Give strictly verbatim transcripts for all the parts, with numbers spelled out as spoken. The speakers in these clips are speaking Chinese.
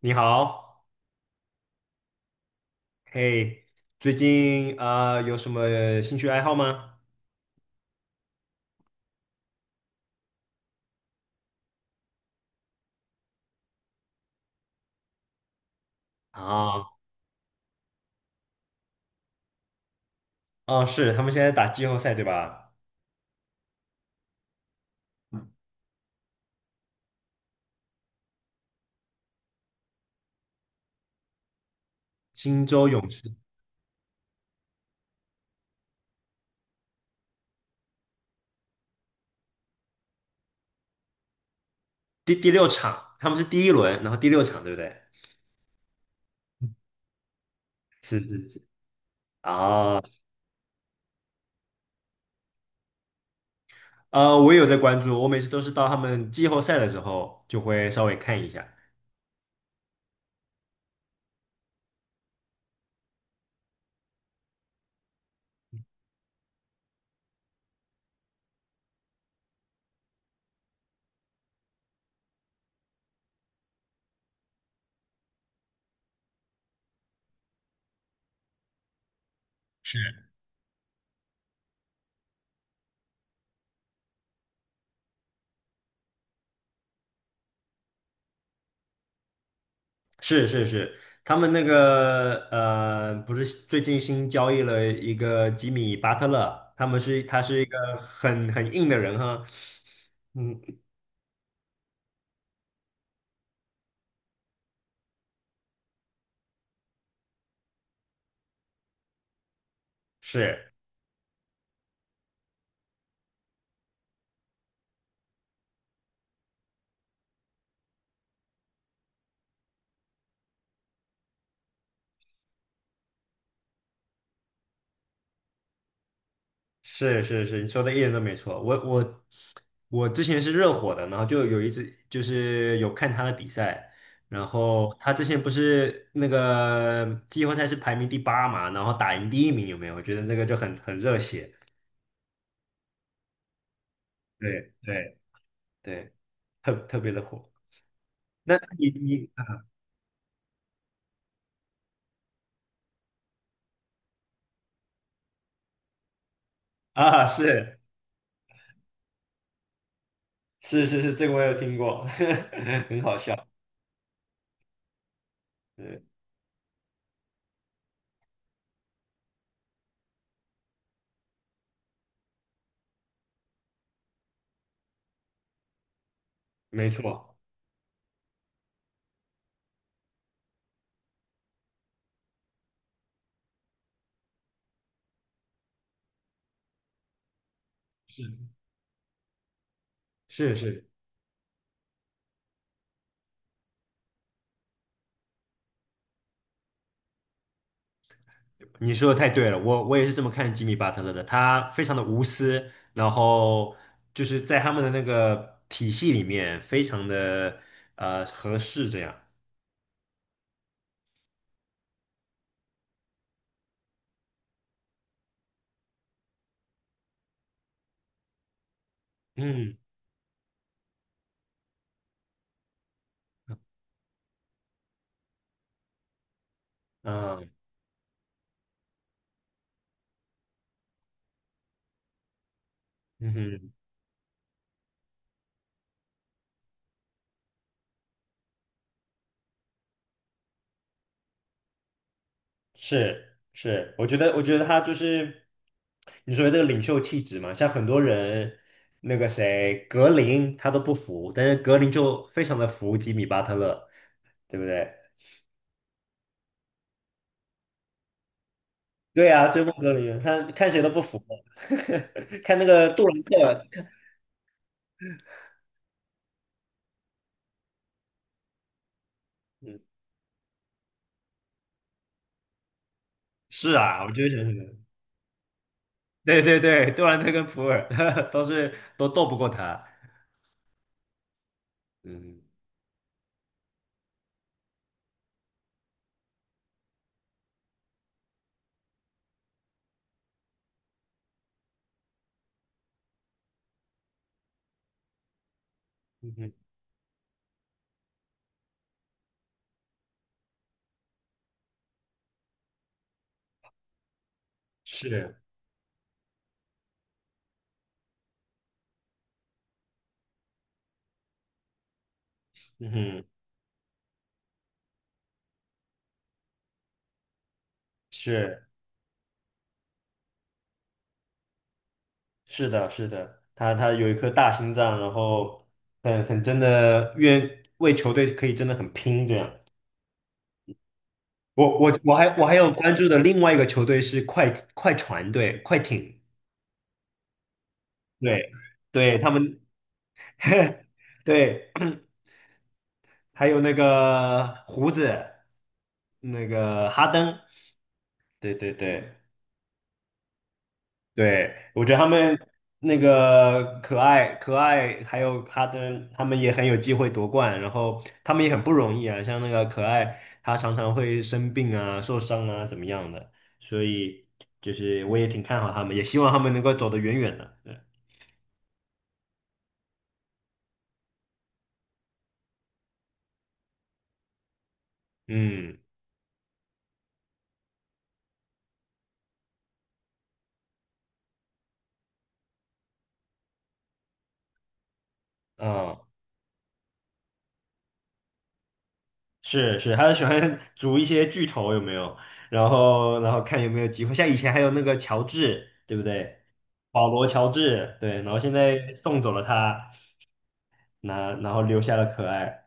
你好，嘿，最近啊、有什么兴趣爱好吗？啊，哦，是，他们现在打季后赛对吧？嗯，金州勇士。第第六场，他们是第一轮，然后第六场对不对？是是是。啊，呃，我也有在关注，我每次都是到他们季后赛的时候就会稍微看一下。是。是是是，他们那个呃，不是最近新交易了一个吉米巴特勒，他们是他是一个很很硬的人哈，嗯，是是是是，你说的一点都没错。我我我之前是热火的，然后就有一次就是有看他的比赛，然后他之前不是那个季后赛是排名第八嘛，然后打赢第一名有没有？我觉得那个就很很热血，对对对，特特别的火。那你你啊，是是是是，这个我有听过，很好笑。嗯，没错，是是，你说的太对了，我我也是这么看吉米巴特勒的，他非常的无私，然后就是在他们的那个体系里面非常的呃合适，这样。嗯嗯嗯哼，是是，我觉得，我觉得他就是你说的这个领袖气质嘛，像很多人，那个谁，格林他都不服，但是格林就非常的服吉米巴特勒，对不对？对啊，追梦格林，他看谁都不服，看那个杜兰特，嗯，是啊，我觉是对对对，杜兰特跟普尔 都是都斗不过他，嗯，嗯哼，是，嗯哼，是。是的，是的，他他有一颗大心脏，然后很很真的愿为球队可以真的很拼这样。我我我还我还有关注的另外一个球队是快快船队，快艇，对对，他们 对，还有那个胡子，那个哈登，对对对。对，我觉得他们那个可爱可爱，还有哈登，他们也很有机会夺冠，然后他们也很不容易啊。像那个可爱，他常常会生病啊、受伤啊，怎么样的，所以就是我也挺看好他们，也希望他们能够走得远远的。对，嗯嗯，是是，他喜欢 组一些巨头有没有？然后然后看有没有机会，像以前还有那个乔治，对不对？保罗·乔治，对，然后现在送走了他，那然后留下了可爱。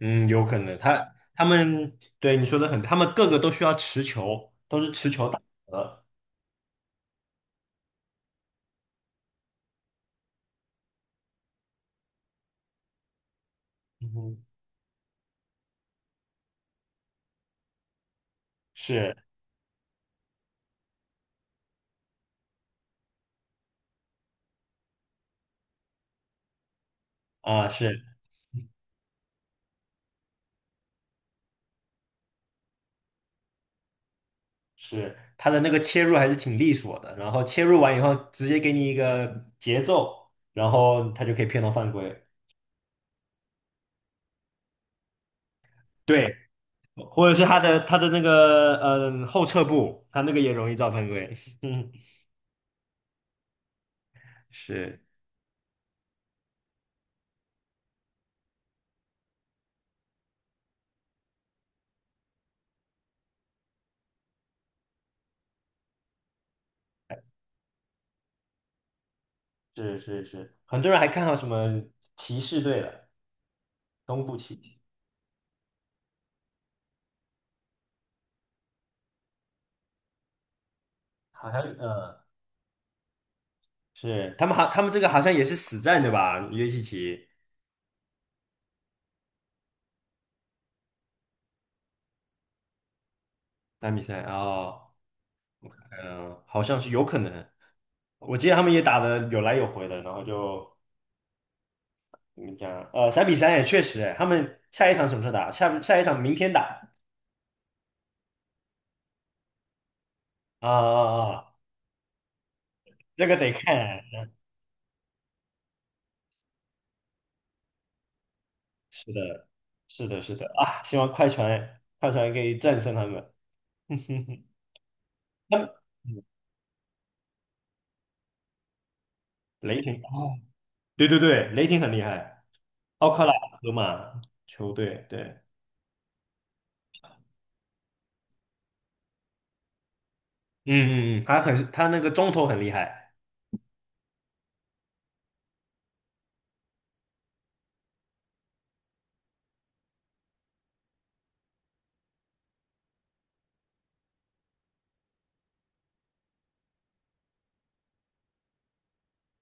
嗯，有可能他他们对你说的很，他们个个都需要持球，都是持球打的。嗯，是啊，是是，他的那个切入还是挺利索的，然后切入完以后直接给你一个节奏，然后他就可以骗到犯规。对，或者是他的他的那个嗯后撤步，他那个也容易造犯规。嗯，是是是是，很多人还看到什么骑士队的东部骑，好像呃。是，他们好，他们这个好像也是死战对吧？约基奇打比赛哦，嗯、好像是有可能。我记得他们也打的有来有回的，然后就怎么讲？呃，三比三也确实哎，他们下一场什么时候打？下下一场明天打。啊啊啊！这个得看，嗯，是的，是的，是的啊！希望快船快船可以战胜他们。他们嗯雷霆哦，对对对，雷霆很厉害，奥克拉荷马球队对。嗯嗯嗯，他很他那个中投很厉害，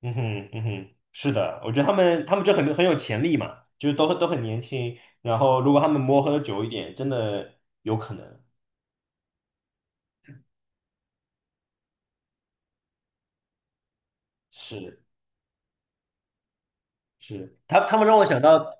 嗯哼嗯哼，是的，我觉得他们他们就很很有潜力嘛，就是都都很年轻，然后如果他们磨合的久一点，真的有可能。是是，他他们让我想到，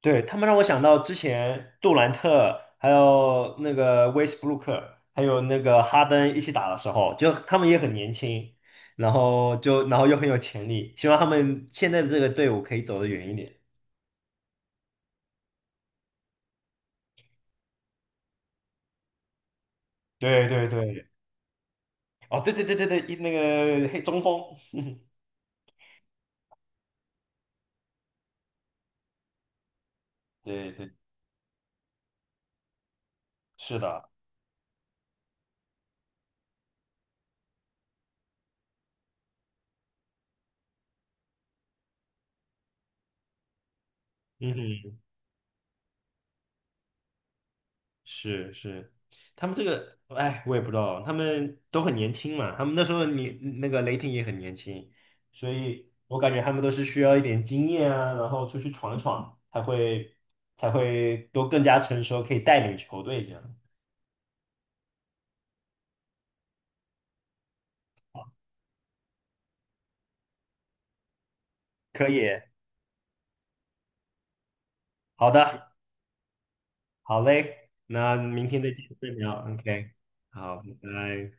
对，他们让我想到之前杜兰特还有那个威斯布鲁克还有那个哈登一起打的时候，就他们也很年轻，然后就然后又很有潜力，希望他们现在的这个队伍可以走得远一点。对对对，哦，对对对对对，一那个黑中锋，对对，是的，嗯哼，是是，他们这个，哎，我也不知道，他们都很年轻嘛，他们那时候你那个雷霆也很年轻，所以我感觉他们都是需要一点经验啊，然后出去闯一闯，才会才会都更加成熟，可以带领球队这样。可以，好的，好嘞，那明天再继续聊，OK，好，拜拜。